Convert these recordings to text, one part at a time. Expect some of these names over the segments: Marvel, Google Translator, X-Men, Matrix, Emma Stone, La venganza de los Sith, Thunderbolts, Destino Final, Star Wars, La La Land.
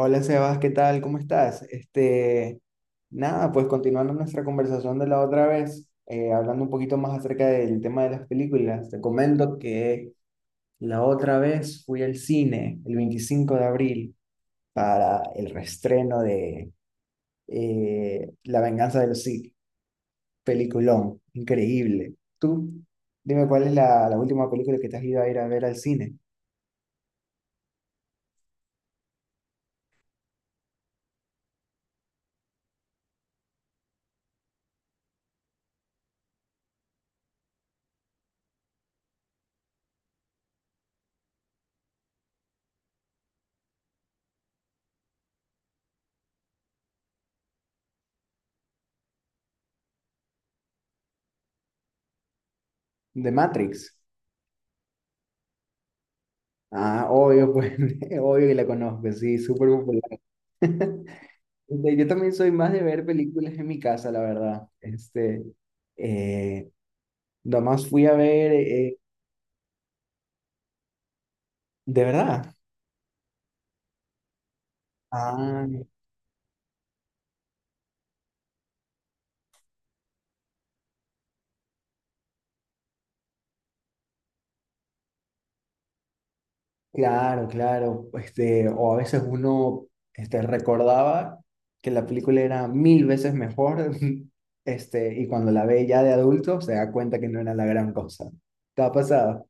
Hola Sebas, ¿qué tal? ¿Cómo estás? Nada, pues continuando nuestra conversación de la otra vez, hablando un poquito más acerca del tema de las películas, te comento que la otra vez fui al cine el 25 de abril para el reestreno de La venganza de los Sith, peliculón, increíble. Tú, dime cuál es la última película que te has ido a ir a ver al cine, de Matrix. Ah, obvio, pues, obvio que la conozco, sí, súper popular. Yo también soy más de ver películas en mi casa, la verdad. Eh, Nomás fui a ver, de verdad. Ah, claro, claro. O a veces uno, recordaba que la película era mil veces mejor, y cuando la ve ya de adulto se da cuenta que no era la gran cosa. ¿Te ha pasado?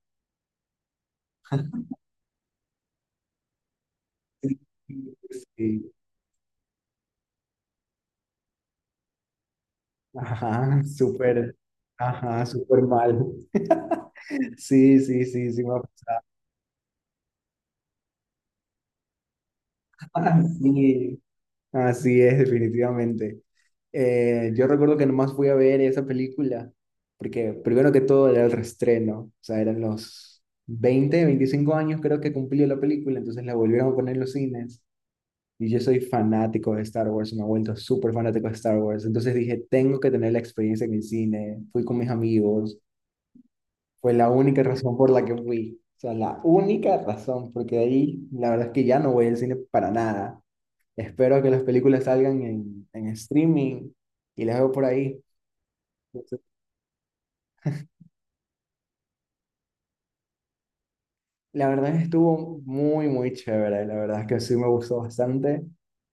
Sí, sí, sí. Ajá, súper, ajá, súper mal. Sí, sí, sí, sí, me ha pasado. Ah, sí, así es, definitivamente. Yo recuerdo que nomás fui a ver esa película, porque primero que todo era el reestreno, o sea, eran los 20, 25 años creo que cumplió la película, entonces la volvieron a poner en los cines. Y yo soy fanático de Star Wars, me he vuelto súper fanático de Star Wars, entonces dije, tengo que tener la experiencia en el cine, fui con mis amigos, fue la única razón por la que fui. O sea, la única razón, porque de ahí la verdad es que ya no voy al cine para nada. Espero que las películas salgan en streaming y las veo por ahí. La verdad estuvo muy, muy chévere, la verdad es que sí me gustó bastante.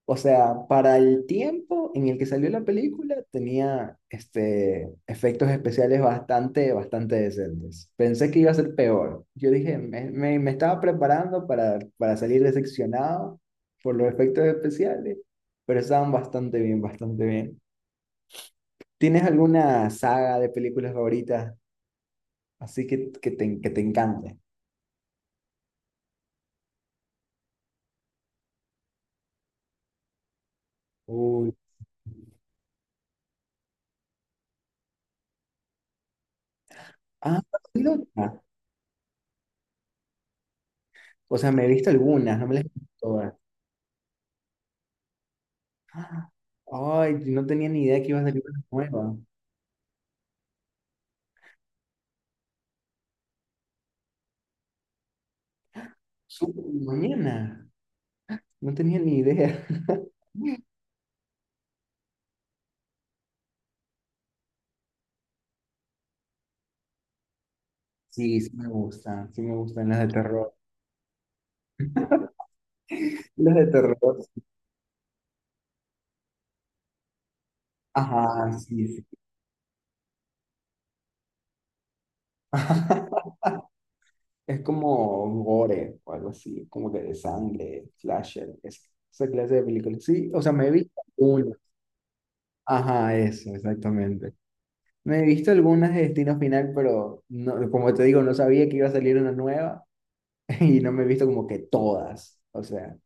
O sea, para el tiempo en el que salió la película tenía efectos especiales bastante, bastante decentes. Pensé que iba a ser peor. Yo dije, me estaba preparando para salir decepcionado por los efectos especiales, pero estaban bastante bien, bastante bien. ¿Tienes alguna saga de películas favoritas así que te encante? Uy. Ah, o sea, me he visto algunas, no me las he visto todas. ¡Ah! Ay, no tenía ni idea que iba a salir una nueva. Súper, mañana. No tenía ni idea. Sí, sí me gustan las de terror. Las de terror. Ajá, sí, sí. Es como gore o algo así, como que de sangre, slasher, es- esa clase de películas. Sí, o sea, me he visto algunas. Ajá, eso, exactamente. Me he visto algunas de Destino Final, pero no, como te digo, no sabía que iba a salir una nueva. Y no me he visto como que todas, o sea,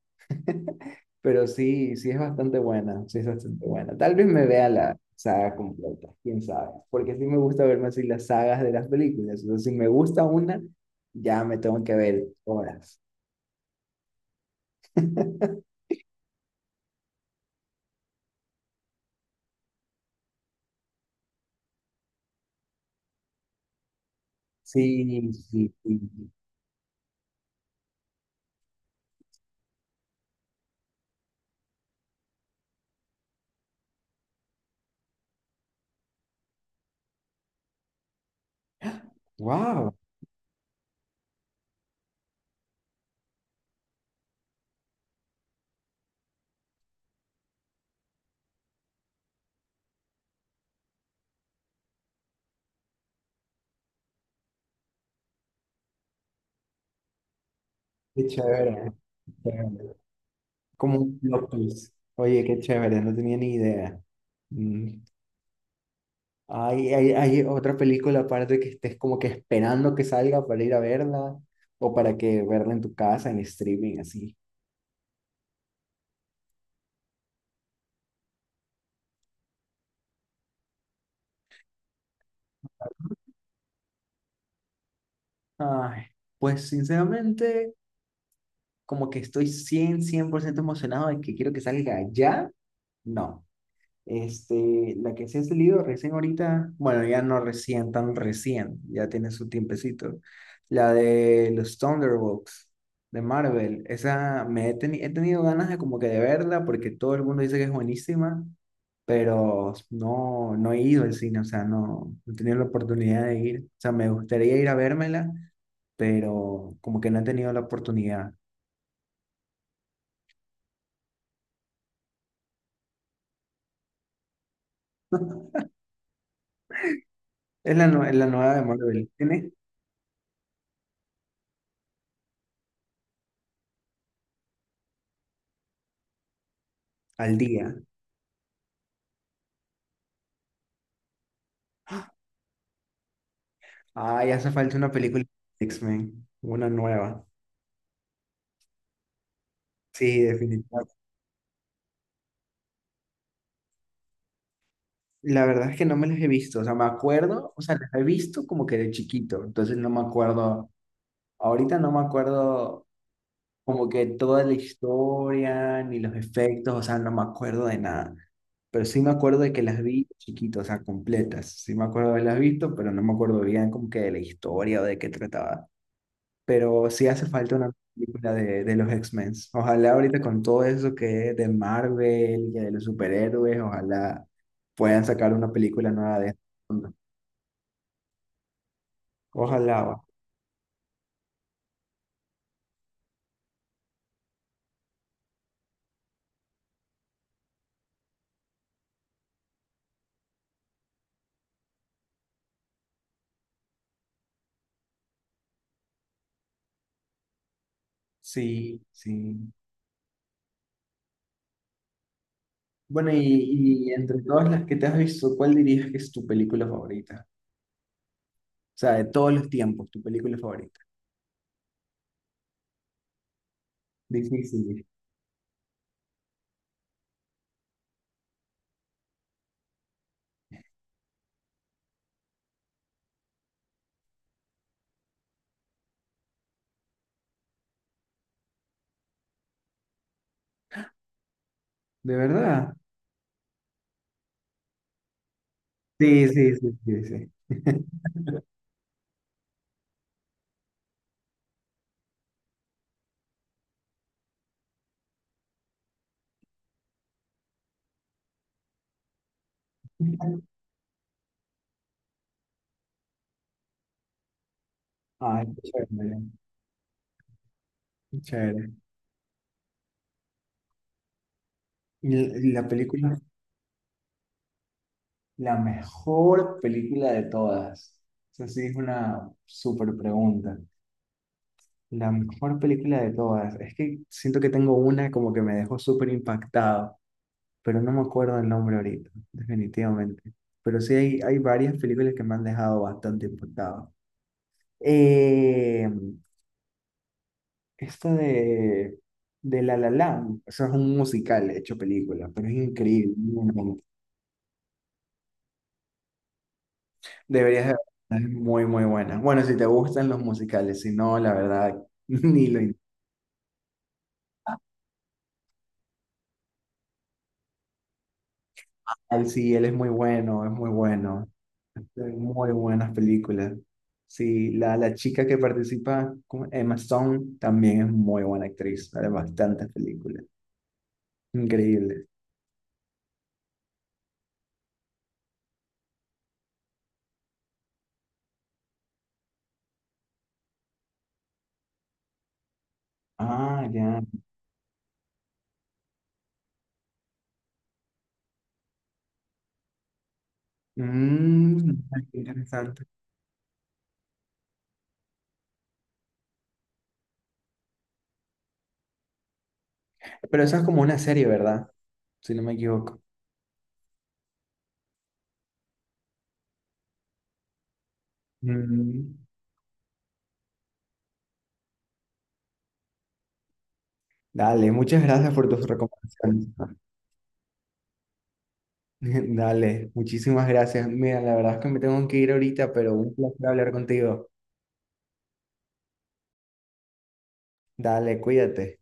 pero sí, sí es bastante buena, sí es bastante buena. Tal vez me vea la saga completa, quién sabe, porque sí me gusta verme así las sagas de las películas, o sea, si me gusta una, ya me tengo que ver horas. Sí, sí, sí. Wow, qué chévere, qué chévere. Como un plot twist. Oye, qué chévere, no tenía ni idea. Mm. Hay otra película aparte que estés como que esperando que salga para ir a verla o para que verla en tu casa, en streaming, así. Ay, pues sinceramente, como que estoy cien por ciento emocionado de que quiero que salga ya. No, la que se ha salido recién ahorita, bueno, ya no recién, tan recién, ya tiene su tiempecito. La de los Thunderbolts de Marvel, esa he tenido ganas de como que de verla porque todo el mundo dice que es buenísima. Pero no, no he ido al cine, o sea, no, no he tenido la oportunidad de ir. O sea, me gustaría ir a vérmela, pero como que no he tenido la oportunidad. Es la nueva de Marvel. Tiene al día. Ah, ya hace falta una película de X-Men, una nueva. Sí, definitivamente. La verdad es que no me las he visto, o sea, me acuerdo, o sea, las he visto como que de chiquito, entonces no me acuerdo, ahorita no me acuerdo como que toda la historia, ni los efectos, o sea, no me acuerdo de nada. Pero sí me acuerdo de que las vi chiquito, o sea, completas. Sí me acuerdo de haberlas visto, pero no me acuerdo bien como que de la historia o de qué trataba. Pero sí hace falta una película de los X-Men. Ojalá ahorita con todo eso que es de Marvel y de los superhéroes, ojalá puedan sacar una película nueva de esto. Ojalá. Va. Sí, sí. Bueno, y entre todas las que te has visto, ¿cuál dirías que es tu película favorita? O sea, de todos los tiempos, tu película favorita. Difícil. ¿De verdad? Sí, sí, sí, sí, sí. Ay, qué chévere, qué chévere. Y la película, la mejor película de todas. Esa sí es una súper pregunta. La mejor película de todas. Es que siento que tengo una como que me dejó súper impactado, pero no me acuerdo el nombre ahorita, definitivamente. Pero sí hay varias películas que me han dejado bastante impactado. Eh, Esta de La La Land, eso es un musical hecho película, pero es increíble. Muy bueno. Deberías de verla, es muy, muy buena. Bueno, si te gustan los musicales, si no, la verdad, ni lo in- Al sí, él es muy bueno, es muy bueno. Hay muy buenas películas. Sí, la chica que participa, ¿cómo? Emma Stone, también es muy buena actriz. Sale en bastantes películas. Increíble. Ah, ya. Mm, qué interesante. Pero eso es como una serie, ¿verdad? Si no me equivoco. Mm, dale, muchas gracias por tus recomendaciones. Dale, muchísimas gracias. Mira, la verdad es que me tengo que ir ahorita, pero un placer hablar contigo. Dale, cuídate.